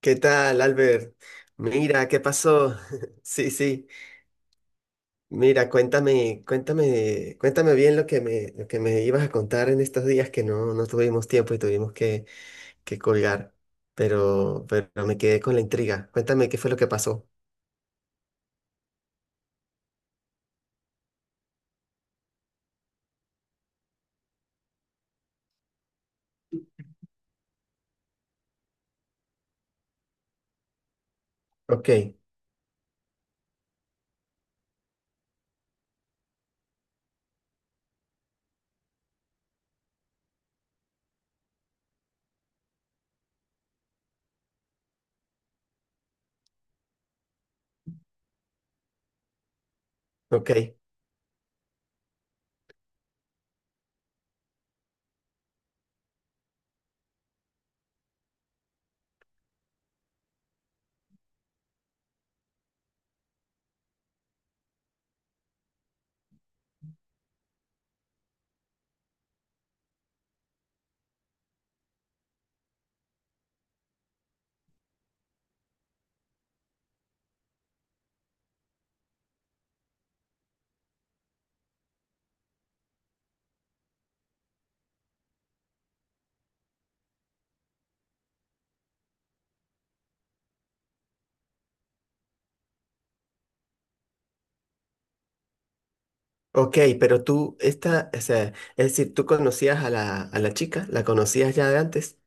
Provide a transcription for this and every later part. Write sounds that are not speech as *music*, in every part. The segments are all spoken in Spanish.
¿Qué tal, Albert? Mira, ¿qué pasó? *laughs* Sí, sí. Mira, cuéntame bien lo que me ibas a contar en estos días que no tuvimos tiempo y tuvimos que colgar. Pero me quedé con la intriga. Cuéntame qué fue lo que pasó. Ok, ok, ok, pero o sea, es decir, tú conocías a a la chica, la conocías ya de antes.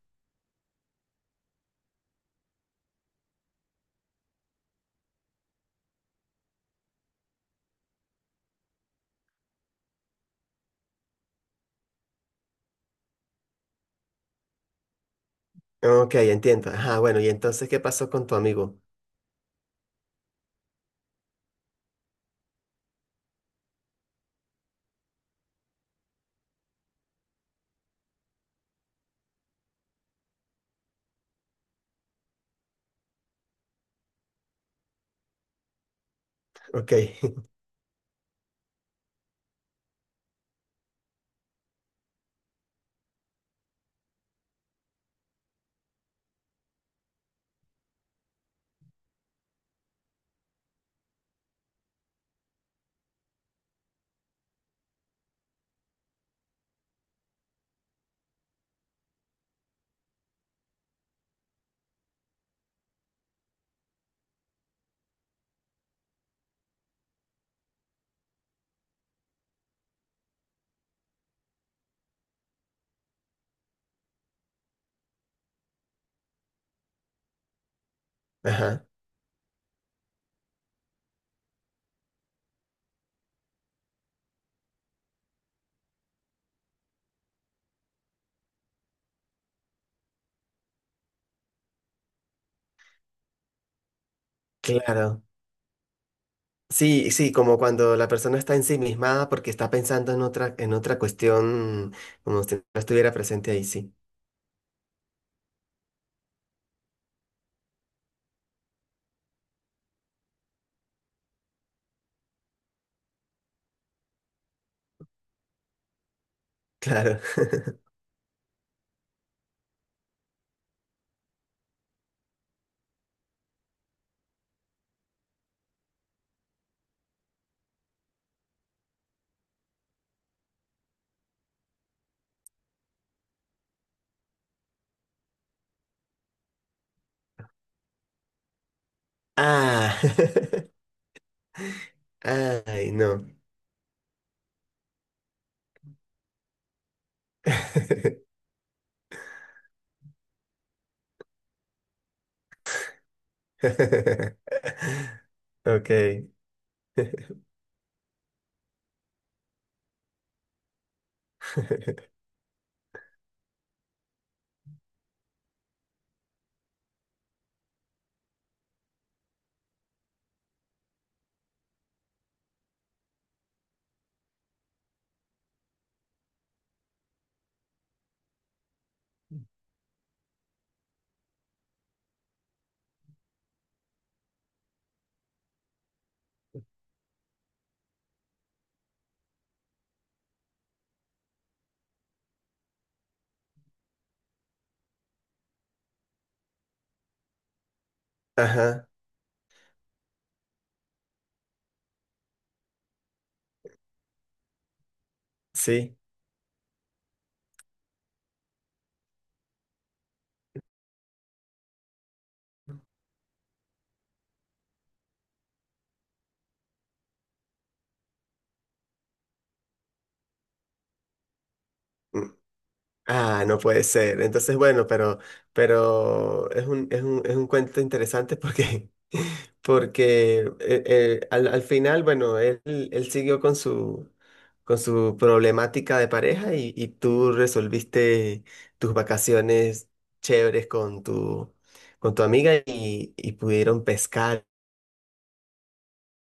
Ok, entiendo. Ajá, bueno, y entonces, ¿qué pasó con tu amigo? Ok, *laughs* ajá, claro. Sí, sí, como cuando la persona está ensimismada porque está pensando en en otra cuestión, como si no estuviera presente ahí, sí, claro. *laughs* Ah, *laughs* ay, no. *laughs* Ok. *laughs* Ajá, sí. *laughs* Ah, no puede ser. Entonces, bueno, pero es es un cuento interesante porque, *laughs* porque al, al final, bueno, él siguió con con su problemática de pareja y tú resolviste tus vacaciones chéveres con con tu amiga y pudieron pescar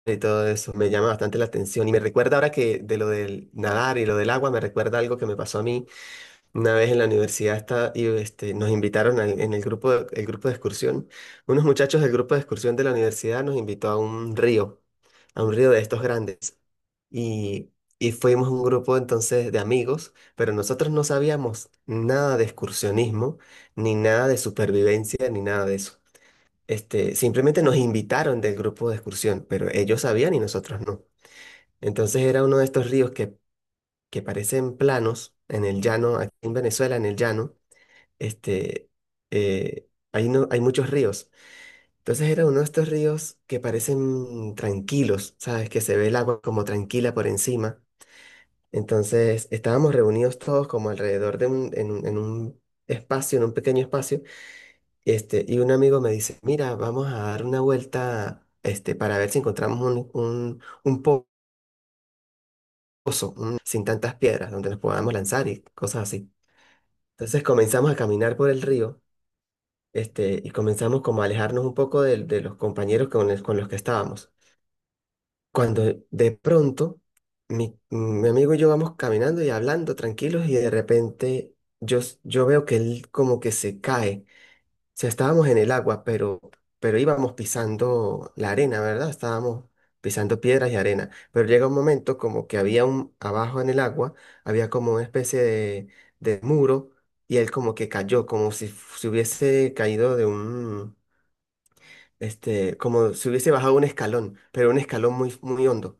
y todo eso. Me llama bastante la atención y me recuerda ahora que de lo del nadar y lo del agua, me recuerda algo que me pasó a mí una vez en la universidad está, y este, nos invitaron al- en el grupo el grupo de excursión. Unos muchachos del grupo de excursión de la universidad nos invitó a un río de estos grandes. Y, y fuimos un grupo entonces de amigos, pero nosotros no sabíamos nada de excursionismo, ni nada de supervivencia, ni nada de eso. Este, simplemente nos invitaron del grupo de excursión, pero ellos sabían y nosotros no. Entonces era uno de estos ríos que parecen planos en el llano, aquí en Venezuela, en el llano este, no, hay muchos ríos. Entonces era uno de estos ríos que parecen tranquilos, ¿sabes? Que se ve el agua como tranquila por encima. Entonces estábamos reunidos todos como alrededor de en un espacio, en un pequeño espacio, este, y un amigo me dice, mira, vamos a dar una vuelta, este, para ver si encontramos un po- pozo, un- sin tantas piedras, donde nos podamos lanzar y cosas así. Entonces comenzamos a caminar por el río. Este, y comenzamos como a alejarnos un poco de los compañeros con, el- con los que estábamos. Cuando de pronto mi amigo y yo vamos caminando y hablando tranquilos y de repente yo veo que él como que se cae. O sea, estábamos en el agua, pero íbamos pisando la arena, ¿verdad? Estábamos pisando piedras y arena. Pero llega un momento como que había un, abajo en el agua, había como una especie de muro y él como que cayó, como si, f- se hubiese caído de un, este, como si hubiese bajado un escalón, pero un escalón muy, muy hondo.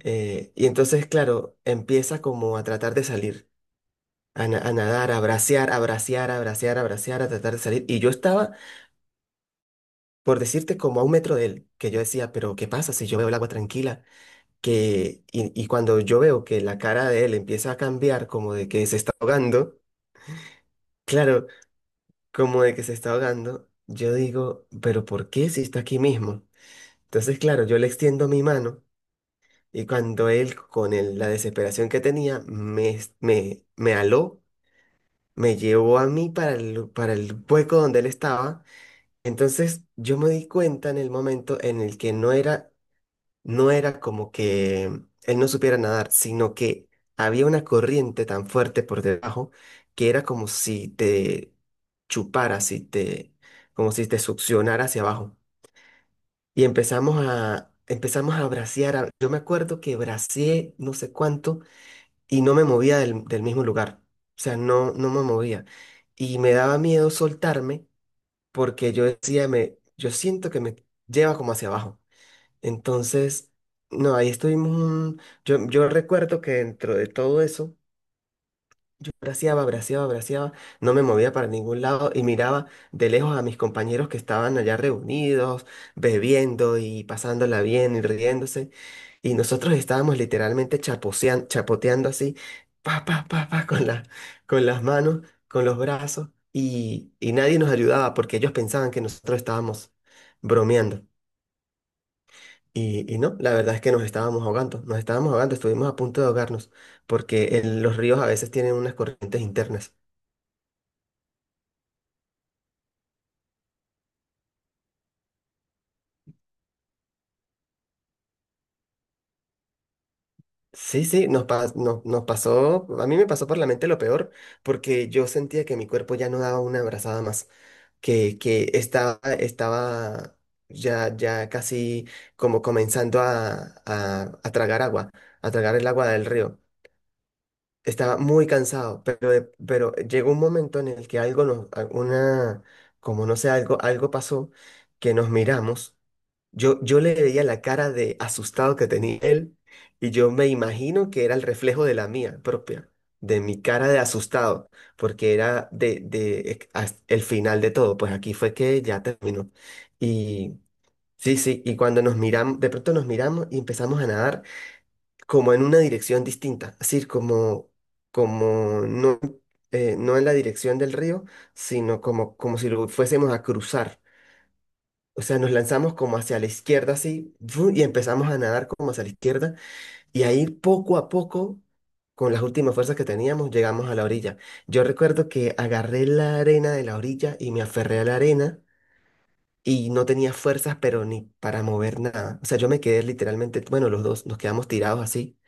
Y entonces, claro, empieza como a tratar de salir, a nadar, a bracear, a tratar de salir. Y yo estaba, por decirte, como a un metro de él, que yo decía, pero ¿qué pasa si yo veo el agua tranquila? Y cuando yo veo que la cara de él empieza a cambiar, como de que se está ahogando, claro, como de que se está ahogando, yo digo, pero ¿por qué si está aquí mismo? Entonces, claro, yo le extiendo mi mano. Y cuando él, con el- la desesperación que tenía, me aló, me llevó a mí para para el hueco donde él estaba. Entonces yo me di cuenta en el momento en el que no era, no era como que él no supiera nadar, sino que había una corriente tan fuerte por debajo que era como si te chupara, si te, como si te succionara hacia abajo. Y empezamos a bracear. A- Yo me acuerdo que braceé no sé cuánto y no me movía del mismo lugar. O sea, no me movía. Y me daba miedo soltarme porque yo decía, me, yo siento que me lleva como hacia abajo. Entonces, no, ahí estuvimos un- Yo recuerdo que dentro de todo eso braceaba, no me movía para ningún lado y miraba de lejos a mis compañeros que estaban allá reunidos, bebiendo y pasándola bien y riéndose. Y nosotros estábamos literalmente chapotean- chapoteando así, pa, pa, pa, pa, con las manos, con los brazos, y nadie nos ayudaba porque ellos pensaban que nosotros estábamos bromeando. Y no, la verdad es que nos estábamos ahogando, estuvimos a punto de ahogarnos, porque el- los ríos a veces tienen unas corrientes internas. Sí, sí, nos, pa- no- nos pasó, a mí me pasó por la mente lo peor, porque yo sentía que mi cuerpo ya no daba una abrazada más, que estaba, estaba ya casi como comenzando a tragar agua, a tragar el agua del río. Estaba muy cansado, pero, de- pero llegó un momento en el que algo nos, a- una, como no sé, algo pasó, que nos miramos. Yo le veía la cara de asustado que tenía él y yo me imagino que era el reflejo de la mía propia, de mi cara de asustado, porque era de ex- as- el final de todo, pues aquí fue que ya terminó. Y sí, sí, y cuando nos miramos, de pronto nos miramos y empezamos a nadar como en una dirección distinta, así como, como no, no en la dirección del río, sino como, como si lo fuésemos a cruzar. O sea, nos lanzamos como hacia la izquierda, así, ¡fu! Y empezamos a nadar como hacia la izquierda, y ahí poco a poco, con las últimas fuerzas que teníamos, llegamos a la orilla. Yo recuerdo que agarré la arena de la orilla y me aferré a la arena, y no tenía fuerzas, pero ni para mover nada. O sea, yo me quedé literalmente, bueno, los dos nos quedamos tirados así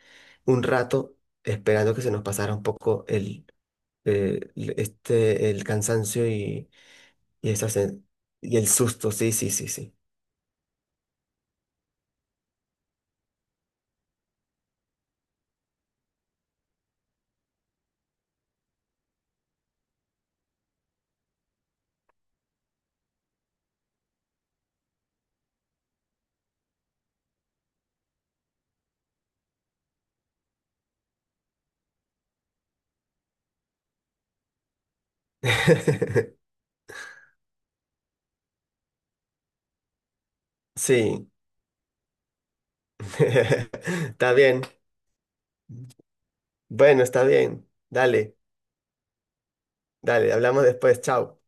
un rato, esperando que se nos pasara un poco el, este, el cansancio esa sen- y el susto, sí, sí, sí, sí. *laughs* Sí, *laughs* está bien. Bueno, está bien. Dale, hablamos después. Chao.